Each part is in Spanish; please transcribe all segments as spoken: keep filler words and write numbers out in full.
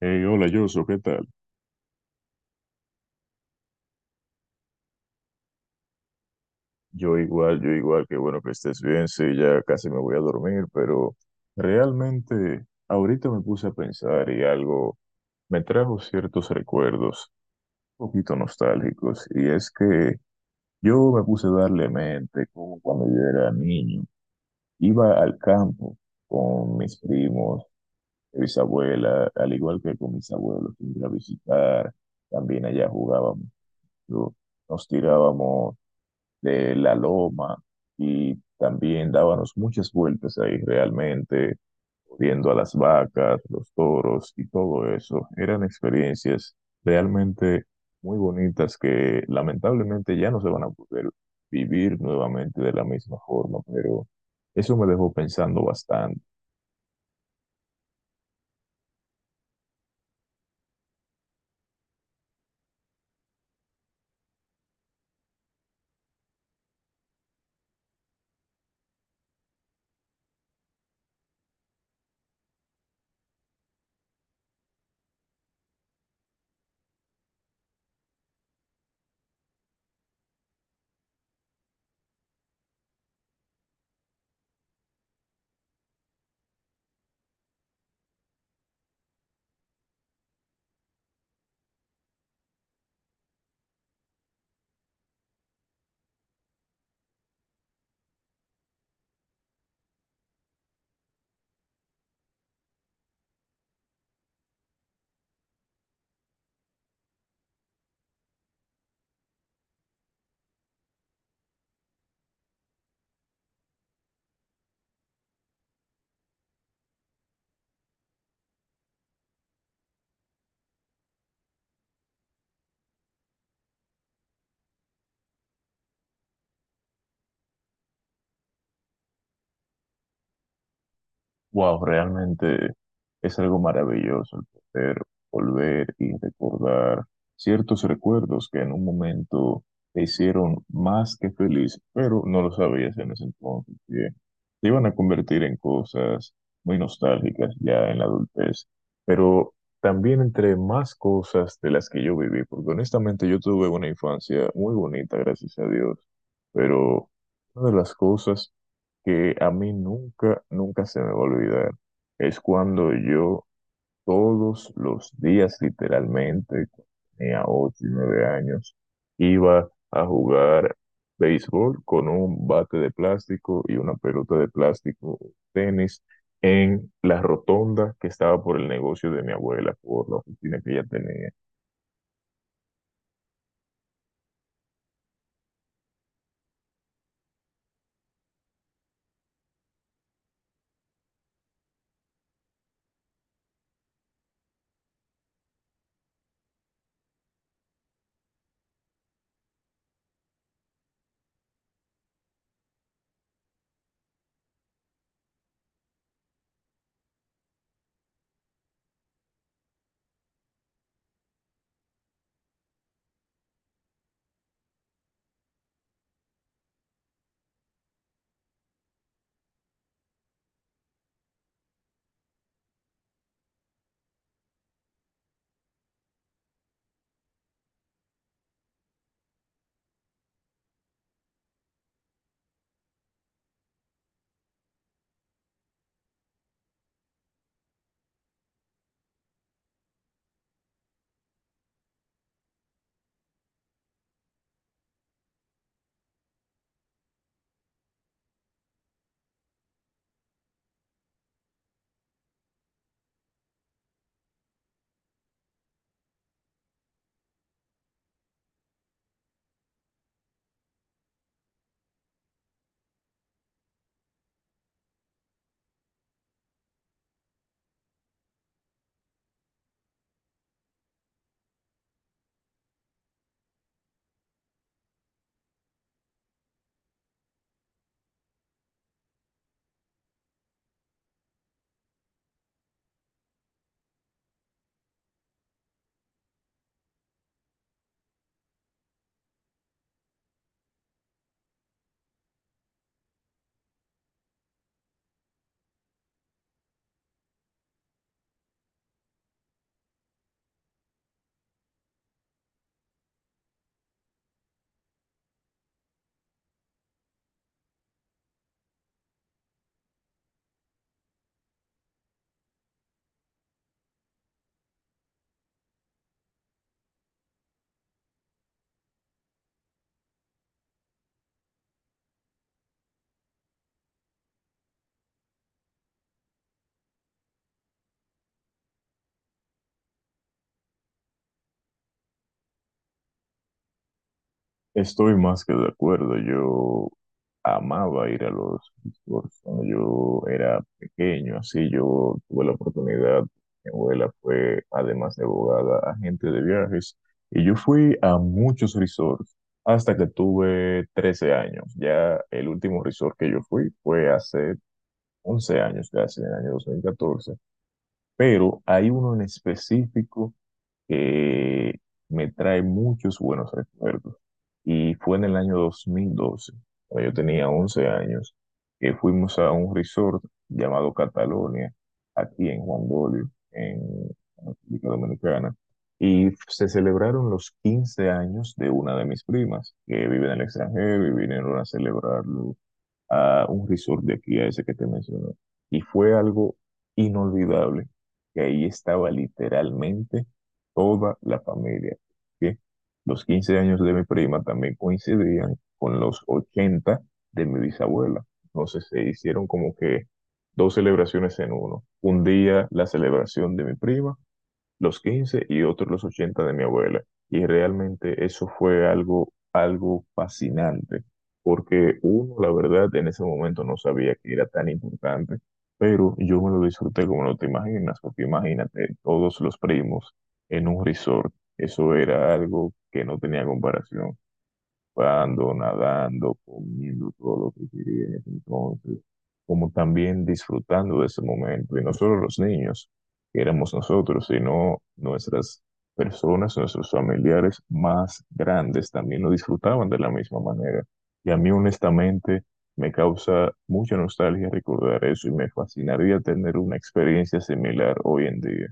Hey, hola, Yoso, ¿qué tal? Yo igual, yo igual, qué bueno que estés bien, sí, ya casi me voy a dormir, pero realmente ahorita me puse a pensar y algo me trajo ciertos recuerdos un poquito nostálgicos, y es que yo me puse a darle mente como cuando yo era niño, iba al campo con mis primos, mis abuelas, al igual que con mis abuelos, iba a visitar, también allá jugábamos, yo- nos tirábamos. de la loma y también dábamos muchas vueltas ahí realmente, viendo a las vacas, los toros y todo eso. Eran experiencias realmente muy bonitas que lamentablemente ya no se van a poder vivir nuevamente de la misma forma, pero eso me dejó pensando bastante. Wow, realmente es algo maravilloso el poder volver y recordar ciertos recuerdos que en un momento te hicieron más que feliz, pero no lo sabías en ese entonces, que te iban a convertir en cosas muy nostálgicas ya en la adultez. Pero también entre más cosas de las que yo viví, porque honestamente yo tuve una infancia muy bonita, gracias a Dios, pero una de las cosas que a mí nunca, nunca se me va a olvidar es cuando yo todos los días, literalmente, cuando tenía ocho y nueve años, iba a jugar béisbol con un bate de plástico y una pelota de plástico, tenis, en la rotonda que estaba por el negocio de mi abuela, por la oficina que ella tenía. Estoy más que de acuerdo. Yo amaba ir a los resorts cuando yo era pequeño. Así yo tuve la oportunidad. Mi abuela fue, además de abogada, agente de viajes. Y yo fui a muchos resorts hasta que tuve trece años. Ya el último resort que yo fui fue hace once años, casi en el año dos mil catorce. Pero hay uno en específico que me trae muchos buenos recuerdos. Y fue en el año dos mil doce, cuando yo tenía once años, que fuimos a un resort llamado Catalonia, aquí en Juan Dolio, en República Dominicana, y se celebraron los quince años de una de mis primas, que vive en el extranjero y vinieron a celebrarlo a un resort de aquí, a ese que te menciono. Y fue algo inolvidable, que ahí estaba literalmente toda la familia. ¿Sí? Los quince años de mi prima también coincidían con los ochenta de mi bisabuela. Entonces se hicieron como que dos celebraciones en uno. Un día la celebración de mi prima los quince y otros los ochenta de mi abuela. Y realmente eso fue algo, algo fascinante, porque uno, la verdad, en ese momento no sabía que era tan importante, pero yo me lo disfruté como no te imaginas, porque imagínate, todos los primos en un resort, eso era algo que no tenía comparación surfando, nadando, comiendo todo lo que quería en ese entonces, como también disfrutando de ese momento. Y no solo los niños, que éramos nosotros, sino nuestras personas, nuestros familiares más grandes también lo disfrutaban de la misma manera. Y a mí honestamente me causa mucha nostalgia recordar eso y me fascinaría tener una experiencia similar hoy en día.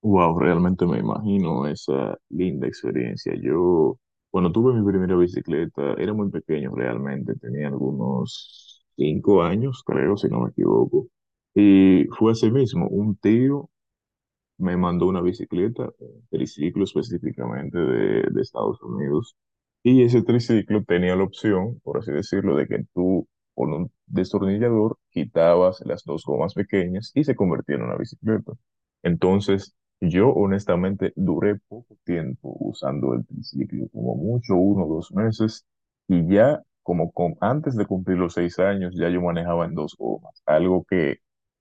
Wow, realmente me imagino esa linda experiencia. Yo, cuando tuve mi primera bicicleta, era muy pequeño realmente, tenía algunos cinco años, creo, si no me equivoco. Y fue así mismo, un tío me mandó una bicicleta, un triciclo específicamente de, de Estados Unidos. Y ese triciclo tenía la opción, por así decirlo, de que tú con un destornillador quitabas las dos gomas pequeñas y se convertía en una bicicleta. Entonces, yo honestamente duré poco tiempo usando el triciclo, como mucho, uno o dos meses, y ya como con, antes de cumplir los seis años, ya yo manejaba en dos gomas, algo que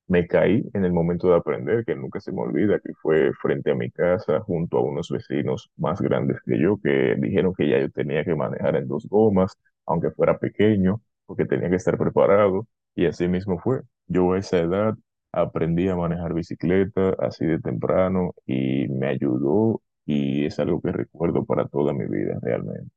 me caí en el momento de aprender, que nunca se me olvida, que fue frente a mi casa, junto a unos vecinos más grandes que yo, que dijeron que ya yo tenía que manejar en dos gomas, aunque fuera pequeño, porque tenía que estar preparado. Y así mismo fue. Yo a esa edad aprendí a manejar bicicleta así de temprano y me ayudó y es algo que recuerdo para toda mi vida realmente.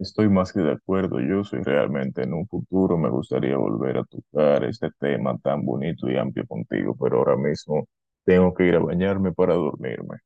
Estoy más que de acuerdo, yo soy realmente en un futuro me gustaría volver a tocar este tema tan bonito y amplio contigo, pero ahora mismo tengo que ir a bañarme para dormirme.